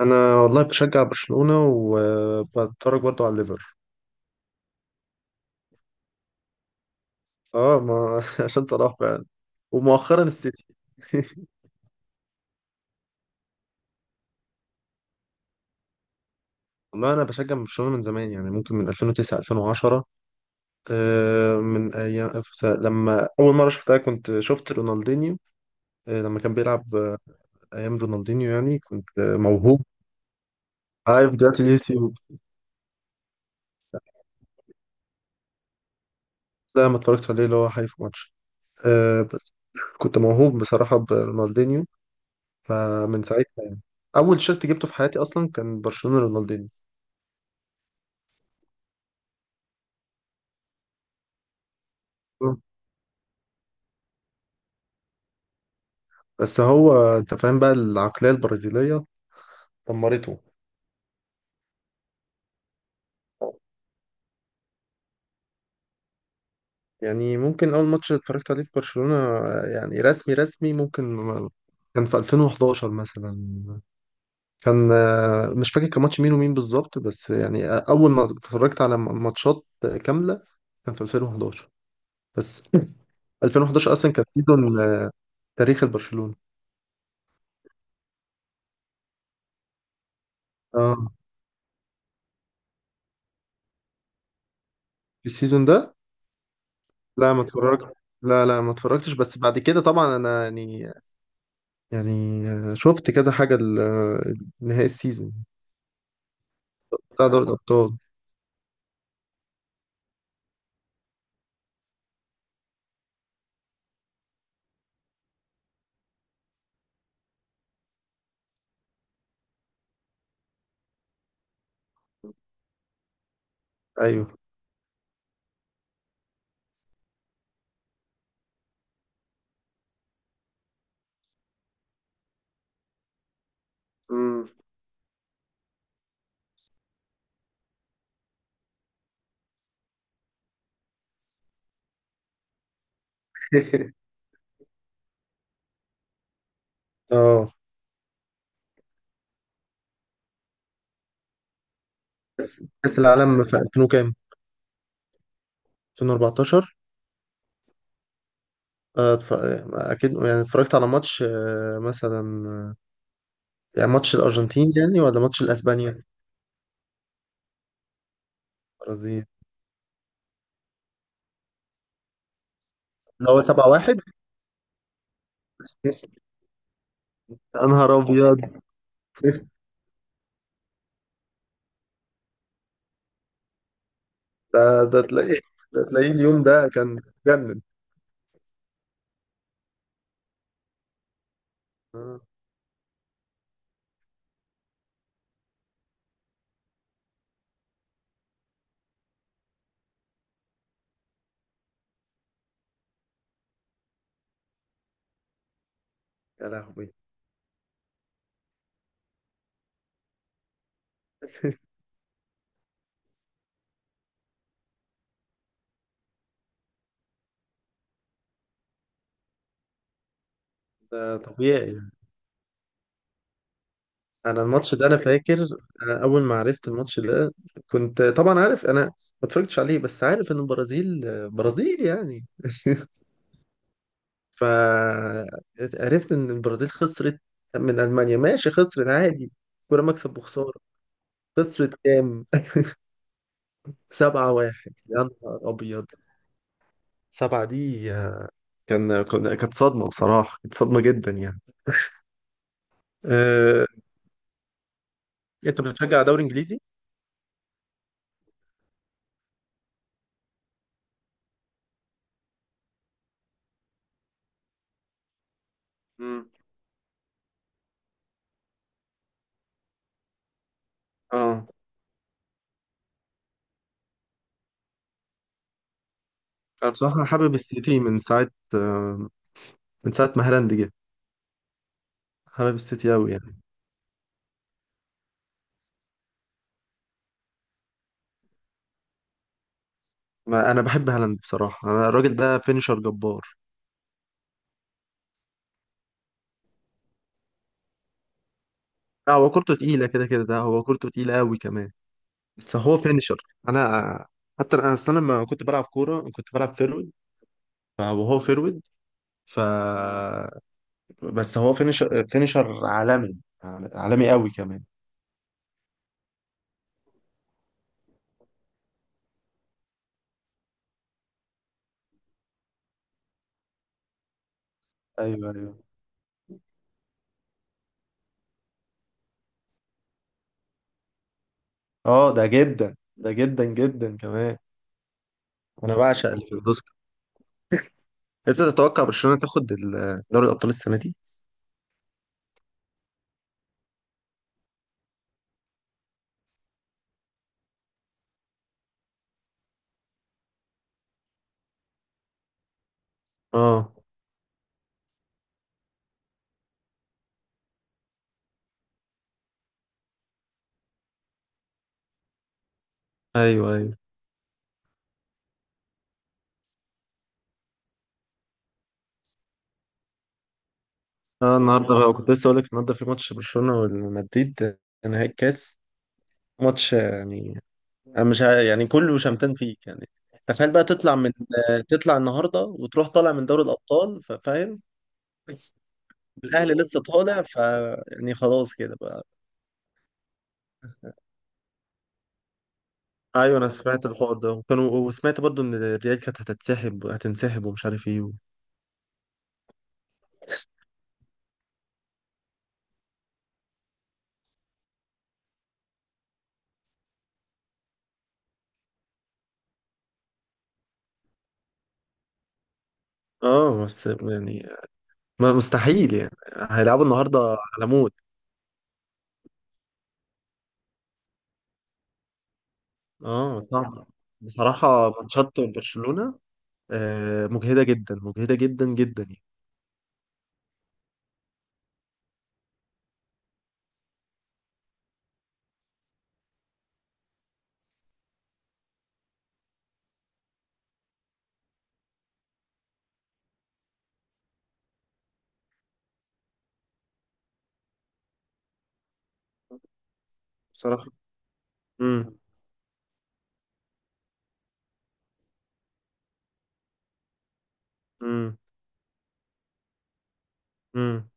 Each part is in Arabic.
انا والله بشجع برشلونة وبتفرج برضو على الليفر. اه، ما عشان صلاح فعلا. ومؤخرا السيتي. والله انا بشجع برشلونة من زمان، يعني ممكن من 2009 2010. من ايام لما اول مره شفتها، كنت شفت رونالدينيو. لما كان بيلعب، ايام رونالدينيو، يعني كنت موهوب. عارف فيديوهات اليوتيوب. لا، ما اتفرجتش عليه اللي هو حي في ماتش. بس كنت موهوب بصراحه برونالدينيو. فمن ساعتها، اول شيرت جبته في حياتي اصلا كان برشلونة رونالدينيو. بس هو انت فاهم بقى، العقلية البرازيلية دمرته. يعني ممكن اول ماتش اتفرجت عليه في برشلونة، يعني رسمي رسمي، ممكن كان في 2011 مثلا. كان، مش فاكر كان ماتش مين ومين بالظبط، بس يعني اول ما اتفرجت على ماتشات كاملة، كان في 2011. بس 2011 اصلا كان سيزون، تاريخ البرشلونة. اه، في السيزون ده. لا، ما اتفرجت. لا لا، ما اتفرجتش، بس بعد كده طبعا انا، يعني، يعني شفت كذا حاجة، نهائي السيزون بتاع دوري الأبطال. أيوه. امم. اه، بس كأس العالم في 2000 وكام؟ 2014. آه، اتف- اكيد يعني اتفرجت على ماتش، مثلا، يعني ماتش الارجنتين، يعني، ولا ماتش الاسبانيا. البرازيل. اللي هو 7-1. يا نهار ابيض! ده ده تلاقيه، ده تلاقيه اليوم ده كان جنن. آه، يا لهوي. ده طبيعي. انا الماتش ده انا فاكر. أنا اول ما عرفت الماتش ده، كنت طبعا عارف انا ما اتفرجتش عليه، بس عارف ان البرازيل، برازيل يعني. فعرفت ان البرازيل خسرت من المانيا، ماشي، خسرت عادي، كرة مكسب وخسارة. خسرت كام؟ 7-1، يا نهار ابيض. سبعة دي كانت صدمة بصراحة، كانت صدمة جدا يعني. أه... انت بتشجع دوري انجليزي؟ مم. اه، انا بصراحة حابب السيتي من ساعة، آه، من ساعة ما هالاند جه. حابب السيتي أوي يعني. ما أنا بحب هالاند بصراحة. أنا الراجل ده فينشر جبار. لا، هو كورته تقيلة كده كده، ده هو كورته تقيلة أوي كمان، بس هو فينشر. أنا، حتى أنا أصلا لما كنت بلعب كورة كنت بلعب فيرود، وهو فيرود، ف بس هو فينشر، فينشر عالمي، عالمي أوي كمان. ايوه، ايوه. اه، ده جدا، ده جدا جدا كمان. انا بعشق اللي في الدوسك. انت تتوقع برشلونة تاخد دوري الابطال السنة دي؟ اه، ايوه، ايوه. اه، النهارده بقى كنت لسه اقول لك، النهارده في ماتش برشلونه والمدريد، نهائي الكاس، ماتش يعني. انا مش يعني كله شمتان فيك يعني. تخيل بقى تطلع من، تطلع النهارده وتروح طالع من دوري الابطال، فاهم. بس الاهلي لسه طالع، ف يعني خلاص كده بقى. ايوه، انا سمعت الحوار ده، وكانوا، وسمعت برضو ان الريال كانت هتتسحب، هتنسحب، ومش عارف ايه و. اه، بس يعني، ما مستحيل يعني. هيلعبوا النهارده على موت. اه، صعب. بصراحه ماتشات برشلونه مجهدة جدا، مجهدة جدا جدا يعني. بصراحة، امم امم امم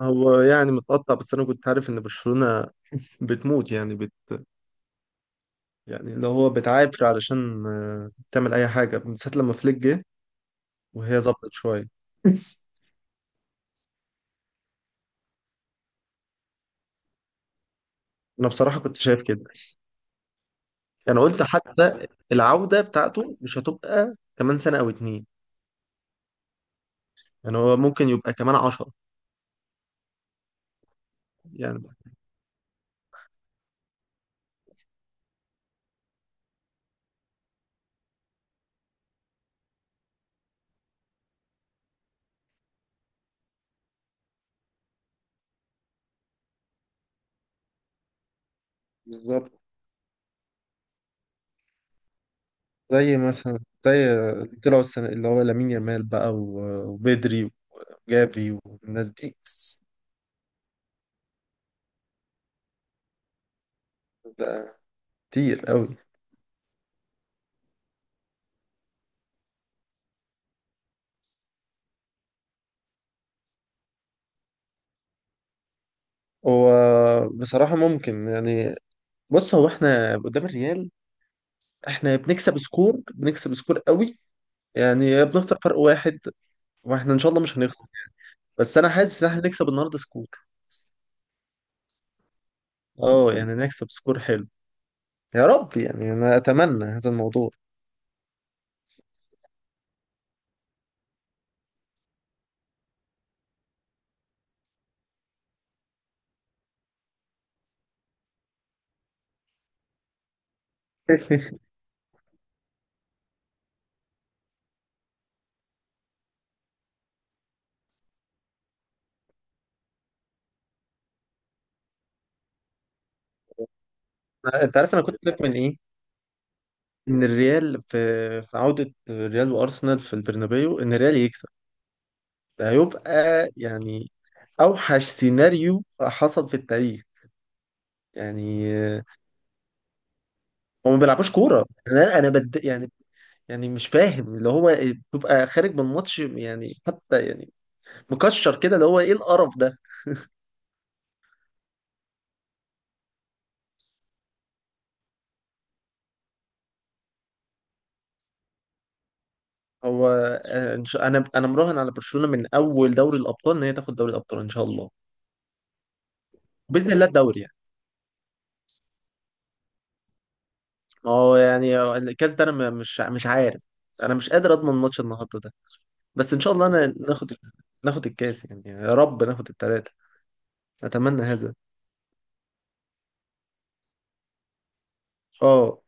هو يعني متقطع، بس انا كنت عارف ان برشلونة بتموت يعني، يعني اللي هو بتعافر علشان تعمل اي حاجة من ساعة لما فليك جه، وهي ظبطت شوية. انا بصراحة كنت شايف كده. يعني قلت حتى، العودة بتاعته مش هتبقى كمان سنة او اتنين، يعني هو ممكن يبقى كمان 10، يعني بالظبط. زي مثلا، زي اللي طلعوا السنة اللي هو لامين يامال بقى وبدري وجافي والناس دي. ده كتير قوي. هو بصراحة ممكن يعني. بص، هو احنا قدام الريال، احنا بنكسب سكور، بنكسب سكور قوي، يعني بنخسر فرق واحد، واحنا ان شاء الله مش هنخسر. بس انا حاسس ان احنا نكسب النهارده سكور. اه، يعني نكسب سكور حلو. يا رب، يعني انا اتمنى هذا الموضوع. انت عارف انا كنت خايف من ايه؟ ان الريال في عودة الريال وارسنال في البرنابيو، ان الريال يكسب. ده هيبقى يعني اوحش سيناريو حصل في التاريخ. يعني، هو ما بيلعبوش كورة. انا يعني، يعني مش فاهم اللي هو بيبقى خارج من الماتش يعني، حتى يعني مكشر كده، اللي هو ايه القرف ده؟ هو، انا مراهن على برشلونة من اول دوري الابطال، ان هي تاخد دوري الابطال ان شاء الله، باذن الله، الدوري يعني. ما هو يعني الكاس ده انا مش عارف. انا مش قادر اضمن ماتش النهارده ده. بس ان شاء الله انا ناخد، ناخد الكاس يعني. يا رب ناخد الثلاثه. اتمنى هذا. اه.